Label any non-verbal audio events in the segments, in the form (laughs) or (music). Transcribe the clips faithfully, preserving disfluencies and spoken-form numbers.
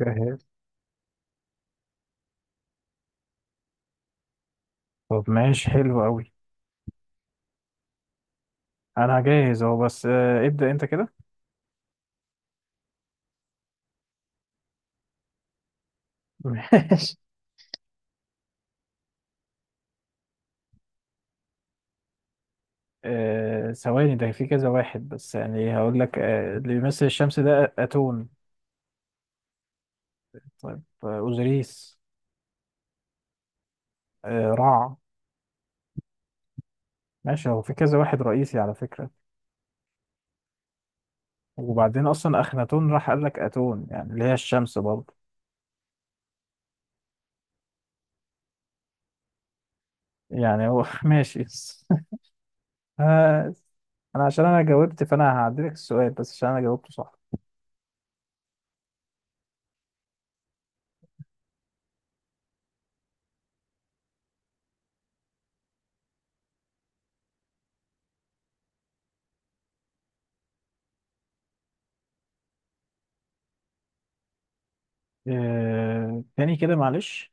جاهز. طب ماشي حلو قوي. انا جاهز اهو بس، آه، ابدأ انت كده. (laughs) ماشي. آه، ثواني، ده في كذا واحد بس يعني هقول لك آه، اللي بيمثل الشمس ده أتون. طيب، آه، أوزوريس. آه، رع. ماشي، هو في كذا واحد رئيسي على فكرة. وبعدين أصلا أخناتون راح قال لك أتون يعني اللي هي الشمس برضه. يعني هو (laughs) ماشي. آه، أنا عشان أنا جاوبت فأنا هعدلك السؤال بس عشان أنا جاوبته صح. آه، تاني كده معلش.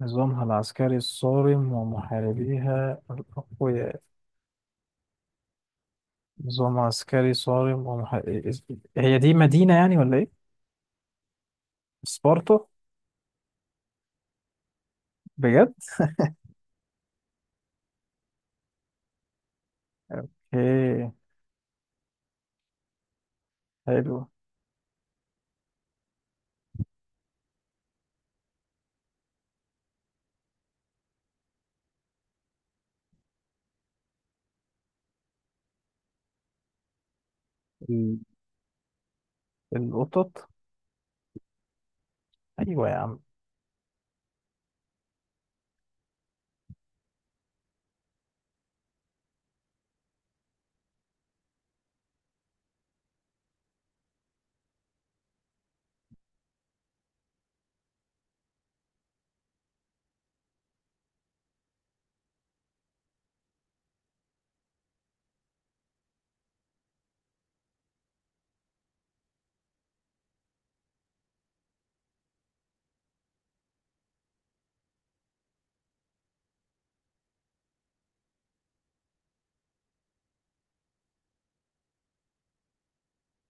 نظامها العسكري الصارم ومحاربيها الأقوياء. نظام عسكري صارم ومحاربيها. هي دي مدينة يعني ولا إيه؟ سبارتا. بجد؟ إيه حلو ال- القطط. أيوة يا عم.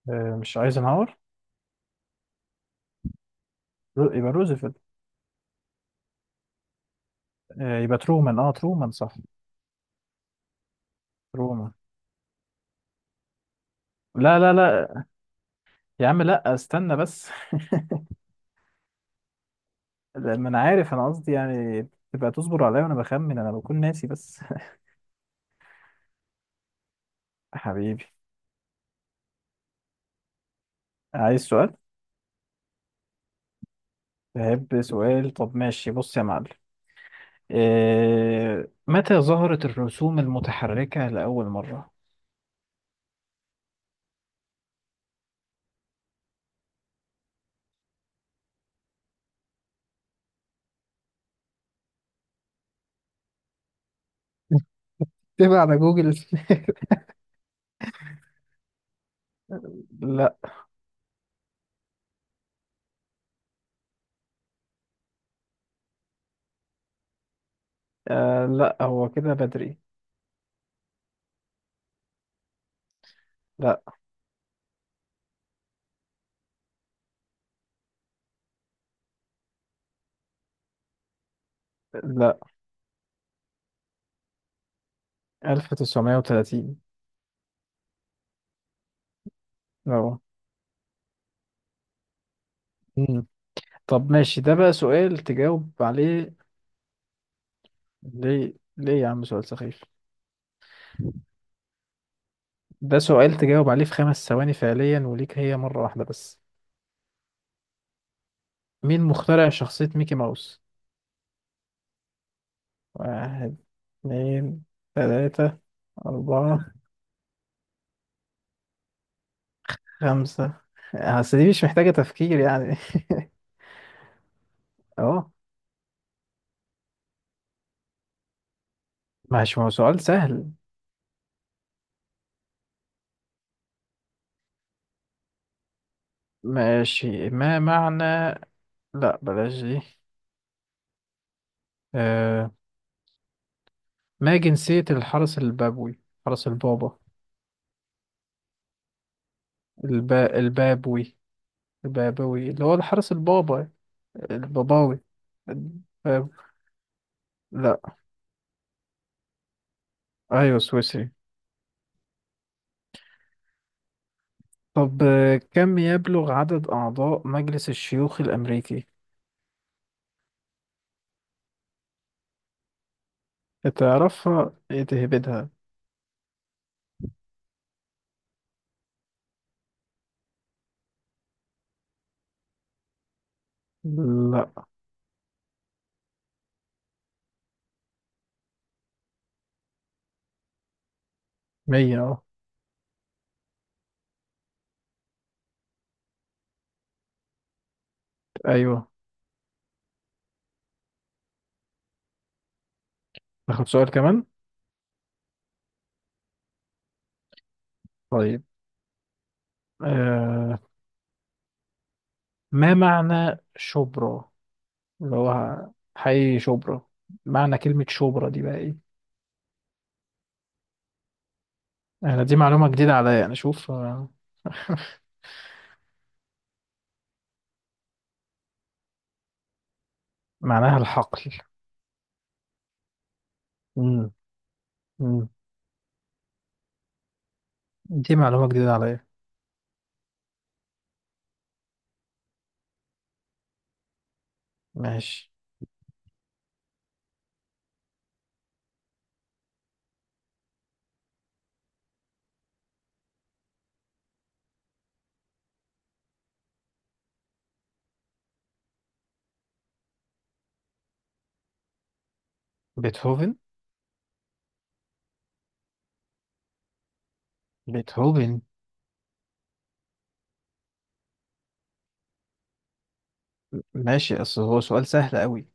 آه، مش ايزنهاور. رو- يبقى روزفلت. آه، يبقى ترومان، اه ترومان صح. ترومان. لا لا لا، يا عم لا استنى بس. (laughs) لا، ما انا عارف انا قصدي يعني. تبقى تصبر عليا وانا بخمن انا بكون ناسي بس. (laughs) حبيبي. عايز سؤال. بحب سؤال. طب ماشي بص يا معلم. إيه متى ظهرت الرسوم المتحركة لأول مرة؟ (laughs) تبع على جوجل. (laughs) لا. آه لا هو كده بدري. لا. لا، ألف وتسعمية وثلاثين. اه. مم. طب ماشي ده بقى سؤال تجاوب عليه. ليه ليه يا عم سؤال سخيف. ده سؤال تجاوب عليه في خمس ثواني فعليا وليك هي مرة واحدة بس. مين مخترع شخصية ميكي ماوس؟ واحد، اتنين، تلاتة، أربعة، خمسة. أصل دي مش محتاجة تفكير يعني. (laughs) أهو. ماشي ما هو سؤال سهل. ماشي ما معنى. لا بلاش دي. آه... ما جنسية الحرس البابوي؟ حرس البابا. الب... البابوي. البابوي اللي هو الحرس البابا. الباباوي. الباب... لا. أيوة سويسري. طب، آه، كم يبلغ عدد أعضاء مجلس الشيوخ الأمريكي؟ تعرفها إيه تهبدها. لا. مية أهو. أيوة. ناخد سؤال كمان. طيب، آه ما معنى شبرا؟ اللي هو حي شبرا. معنى كلمة شبرا دي بقى ايه؟ انا دي معلومة جديدة عليا، انا اشوف آه، (laughs) معناها الحقل. مم. مم. دي معلومة جديدة عليا. ماشي. بيتهوفن. بيتهوفن. ماشي اصل هو سؤال سهل قوي.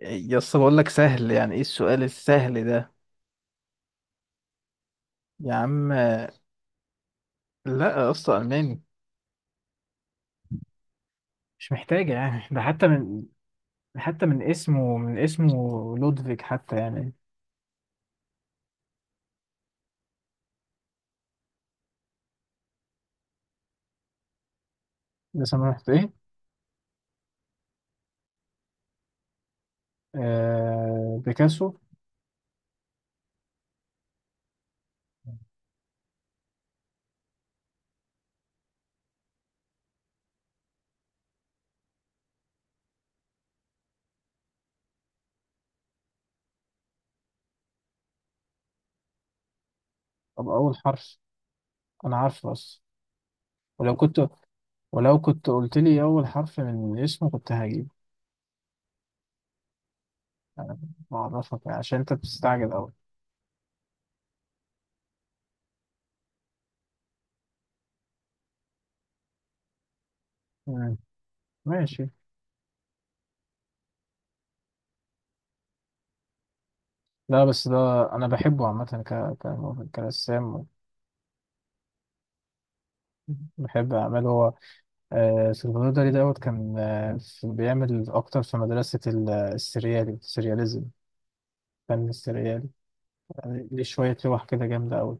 يا اسطى بقول لك سهل، يعني ايه السؤال السهل ده؟ يا عم. لا يا اسطى، الماني. مش محتاجة، يعني ده حتى من، حتى من اسمه من اسمه لودفيك حتى يعني. لو سمحت ايه؟ آه بيكاسو. طب اول حرف. انا عارفه بس. ولو كنت، ولو كنت قلت لي اول حرف من اسمه كنت هجيب. انا بعرفك يعني عشان انت بتستعجل قوي. مم. ماشي. لا بس ده، انا بحبه عامه ك... ك... كرسام. بحب اعماله هو. آه سلفادور دالي دوت كان آه في- بيعمل اكتر في مدرسه ال- السريالي السرياليزم. فن السريالي. دي شوية لوح كده جامدة أوي.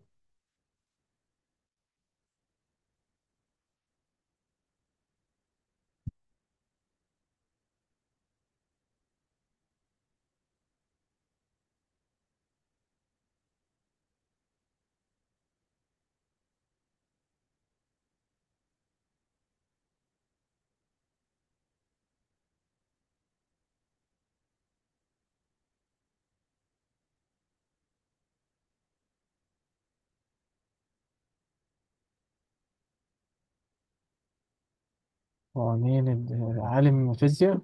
قوانين الد- عالم فيزياء.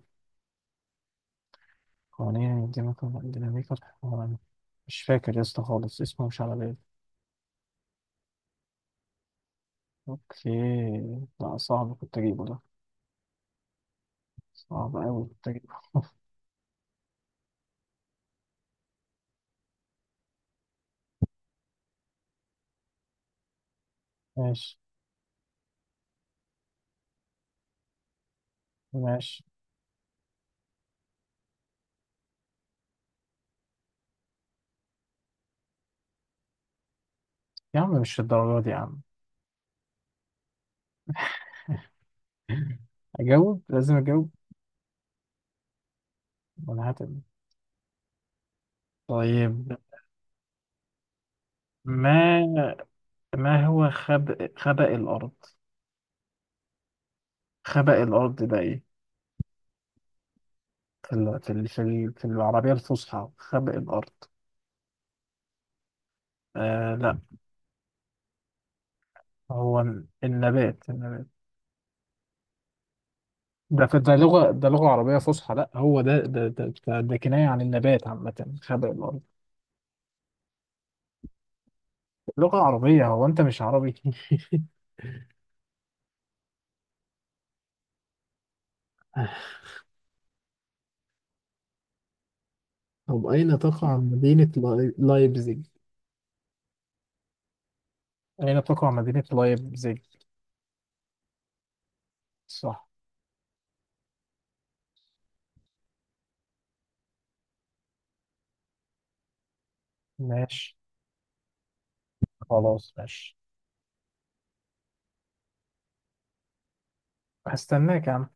قوانين الديناميكا الديناميكا الحرارية. مش فاكر يا اسطى خالص اسمه مش على بالي. اوكي. لا صعب كنت اجيبه ده. صعب أوي كنت اجيبه. (laughs) ماشي ماشي. يا عم مش الدرجة دي يا عم. (laughs) أجاوب لازم أجاوب. وأنا هتم. طيب. ما ما هو خب... خبأ الأرض. خبأ الأرض ده إيه؟ في ال... في ال... في ال- في العربية الفصحى خبأ الأرض. آه لا، هو ال- النبات النبات. ده في، ده لغة ده لغة عربية فصحى. لا هو ده ده ده, ده, ده, كناية عن النبات عامة، خبق الأرض. لغة عربية، هو أنت مش عربي؟ (laughs) طب أين تقع مدينة لاي- لايبزيج؟ أين تقع مدينة لايبزيج. صح. ماشي خلاص ماشي. هستناك يا عم.